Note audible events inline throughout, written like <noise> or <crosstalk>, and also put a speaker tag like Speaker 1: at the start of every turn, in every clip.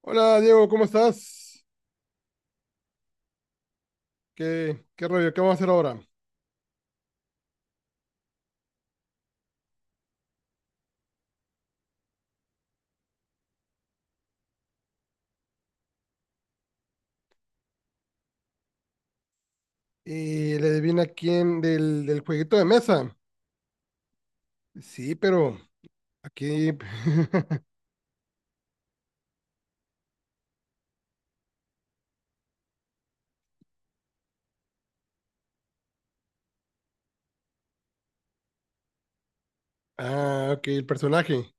Speaker 1: Hola Diego, ¿cómo estás? ¿Qué rollo? ¿Qué vamos a hacer ahora? Y le adivina quién del jueguito de mesa. Sí, pero aquí. <laughs> Ah, ok, el personaje.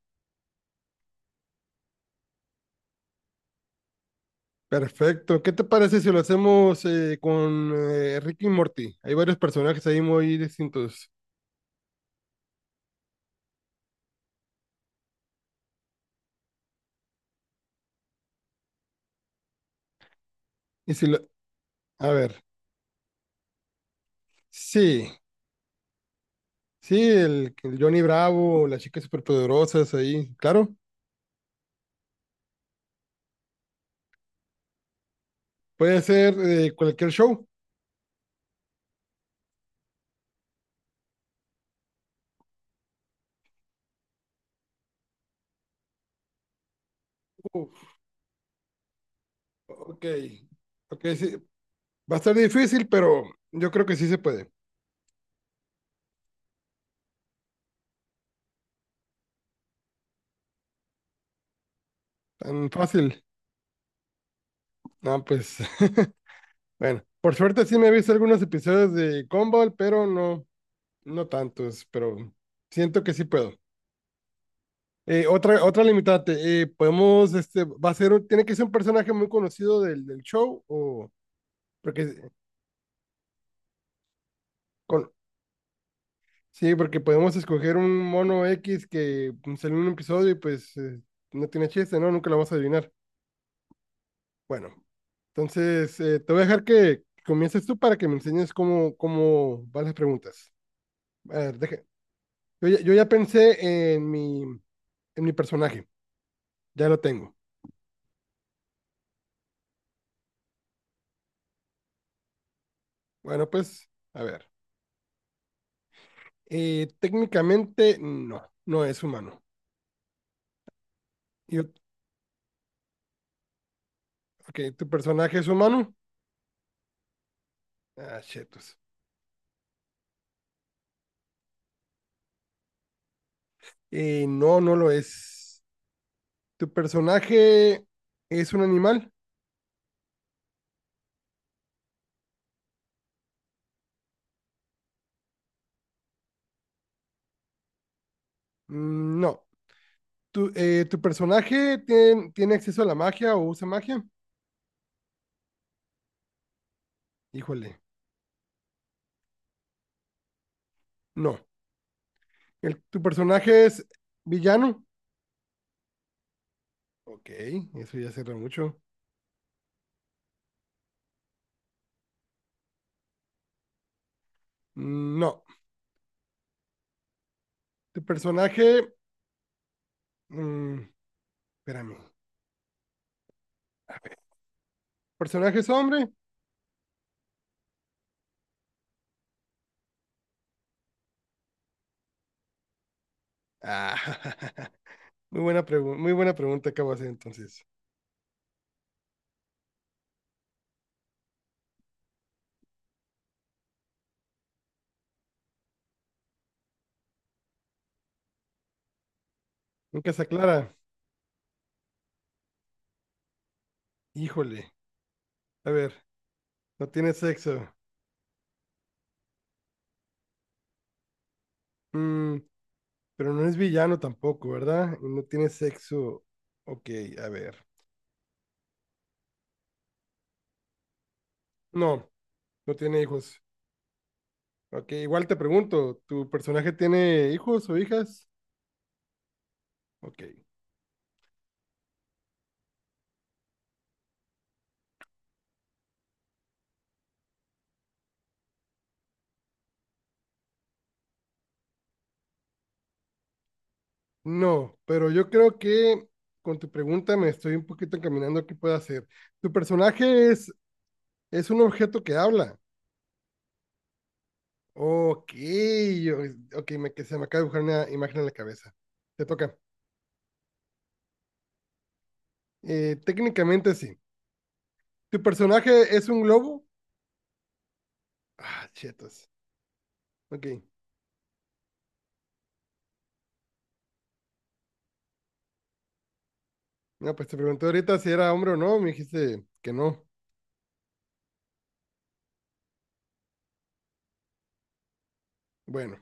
Speaker 1: Perfecto. ¿Qué te parece si lo hacemos con Rick y Morty? Hay varios personajes ahí muy distintos. Y si lo... A ver. Sí, sí, el Johnny Bravo, las chicas superpoderosas ahí, claro. Puede ser cualquier show. Uf, ok. Ok, sí, va a estar difícil, pero yo creo que sí se puede. Tan fácil. No, pues. <laughs> Bueno, por suerte sí me he visto algunos episodios de Gumball, pero no, no tantos, pero siento que sí puedo. Otra limitante, podemos, este, va a ser, tiene que ser un personaje muy conocido del show, o, porque, con, sí, porque podemos escoger un mono X que salió en un episodio y pues no tiene chiste, ¿no? Nunca lo vas a adivinar. Bueno, entonces te voy a dejar que comiences tú para que me enseñes cómo van las preguntas. A ver, yo ya pensé en mi personaje, ya lo tengo. Bueno, pues, a ver. Técnicamente no, no es humano. Yo, ok, ¿tu personaje es humano? Ah, chetos. No, no lo es. ¿Tu personaje es un animal? No. ¿Tu personaje tiene, tiene acceso a la magia o usa magia? Híjole. No. ¿Tu personaje es villano? Ok, eso ya cierra mucho. No. ¿Tu personaje... mm, espérame. A ver. ¿Personaje es hombre? Ah, <laughs> muy buena pregunta acabo de hacer entonces. Nunca se aclara. Híjole. A ver, no tiene sexo. Mm, pero no es villano tampoco, ¿verdad? Y no tiene sexo. Ok, a ver. No, no tiene hijos. Ok, igual te pregunto, ¿tu personaje tiene hijos o hijas? Ok. No, pero yo creo que con tu pregunta me estoy un poquito encaminando a qué puedo hacer. ¿Tu personaje es un objeto que habla? Ok, yo, ok, me, que se me acaba de dibujar una imagen en la cabeza. Te toca. Técnicamente sí. ¿Tu personaje es un globo? Ah, chetos. Ok. No, pues te pregunté ahorita si era hombre o no, me dijiste que no. Bueno.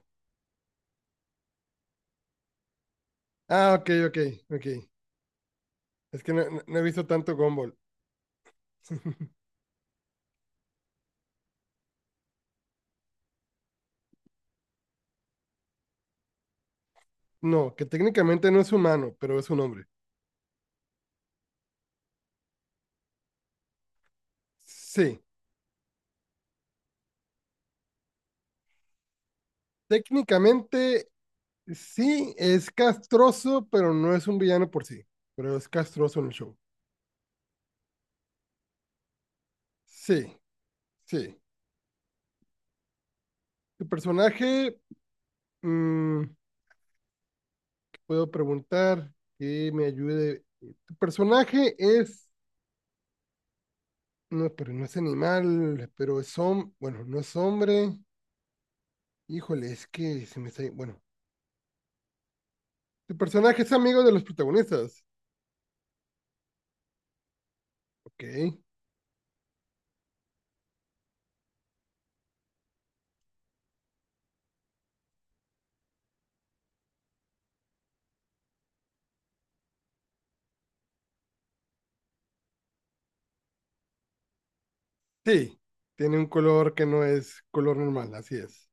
Speaker 1: Ah, ok, ok, ok. Es que no, no he visto tanto Gumball. No, que técnicamente no es humano, pero es un hombre. Sí. Técnicamente, sí, es castroso, pero no es un villano por sí. Pero es castroso en el show. Sí, sí. Tu personaje, mm, ¿qué puedo preguntar que me ayude. Tu personaje es, no, pero no es animal, pero es hombre, bueno, no es hombre. Híjole, es que se me está, bueno. Tu personaje es amigo de los protagonistas. Ok. Sí, tiene un color que no es color normal, así es.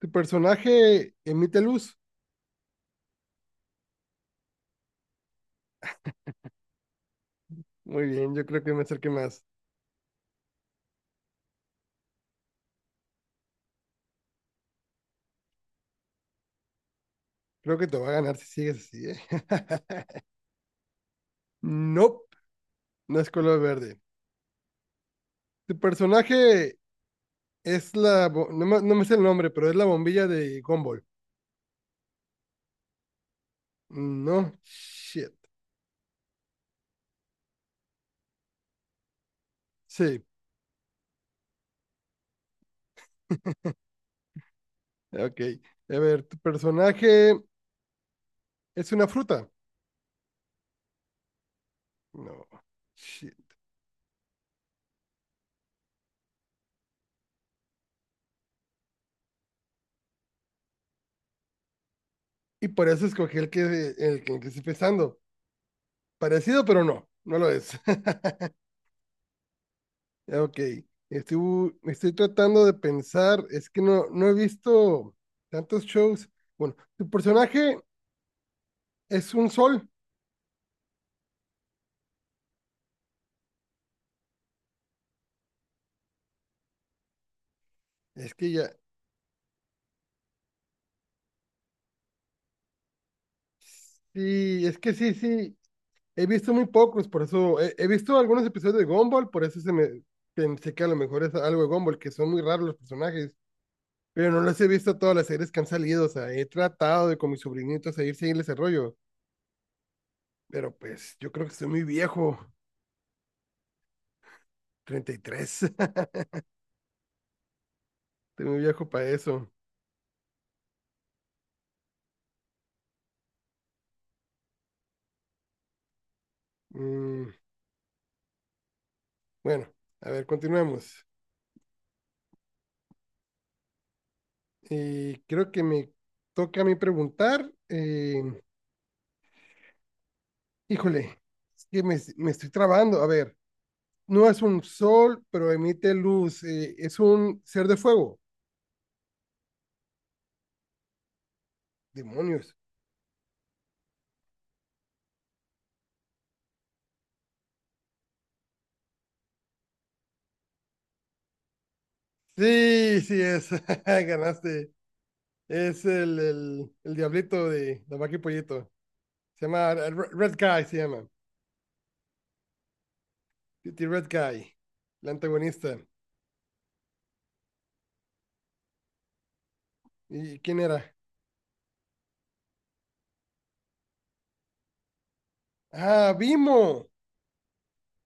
Speaker 1: Tu personaje emite luz. Muy bien, yo creo que me acerqué más. Creo que te va a ganar si sigues así, ¿eh? <laughs> Nope, no es color verde. Tu personaje es la... No me, no me sé el nombre, pero es la bombilla de Gumball. No, shit. Sí, ok. A ver, tu personaje es una fruta. No, shit. Y por eso escogí el que estoy pensando. Parecido, pero no, no lo es. <laughs> Ok, estoy, estoy tratando de pensar, es que no, no he visto tantos shows. Bueno, tu personaje es un sol, es que ya, sí, es que sí, sí, he visto muy pocos, por eso, he, he visto algunos episodios de Gumball, por eso se me pensé que a lo mejor es algo de Gumball, que son muy raros los personajes, pero no los he visto todas las series que han salido, o sea, he tratado de con mis sobrinitos a ir seguirles el rollo, pero pues yo creo que estoy muy viejo, 33, <laughs> estoy muy viejo para eso. Mm. Bueno, a ver, continuamos. Creo que me toca a mí preguntar. Híjole, es que me estoy trabando. A ver, no es un sol, pero emite luz. Es un ser de fuego. Demonios. Sí, sí es. <laughs> Ganaste. Es el diablito de la vaca y pollito. Se llama Red Guy, se llama. Pretty Red Guy, el antagonista. ¿Y quién era? Ah, Vimo.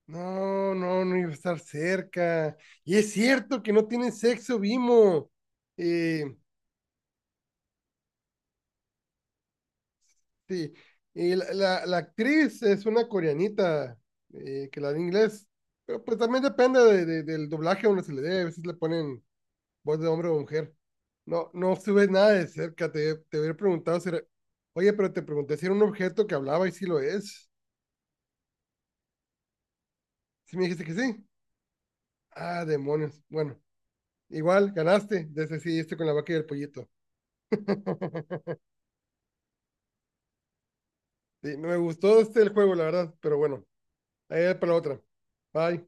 Speaker 1: No, no, no iba a estar cerca. Y es cierto que no tienen sexo, Vimo. Eh, sí, la actriz es una coreanita que la de inglés, pero pues también depende del doblaje a uno se le dé. A veces le ponen voz de hombre o mujer. No, no estuve nada de cerca. Te hubiera preguntado si era... Oye, pero te pregunté si era un objeto que hablaba y si lo es. Si me dijiste que sí. Ah, demonios. Bueno, igual ganaste. Desde sí, este con la vaca y el pollito. <laughs> Sí, me gustó este el juego, la verdad, pero bueno, ahí es para la otra. Bye.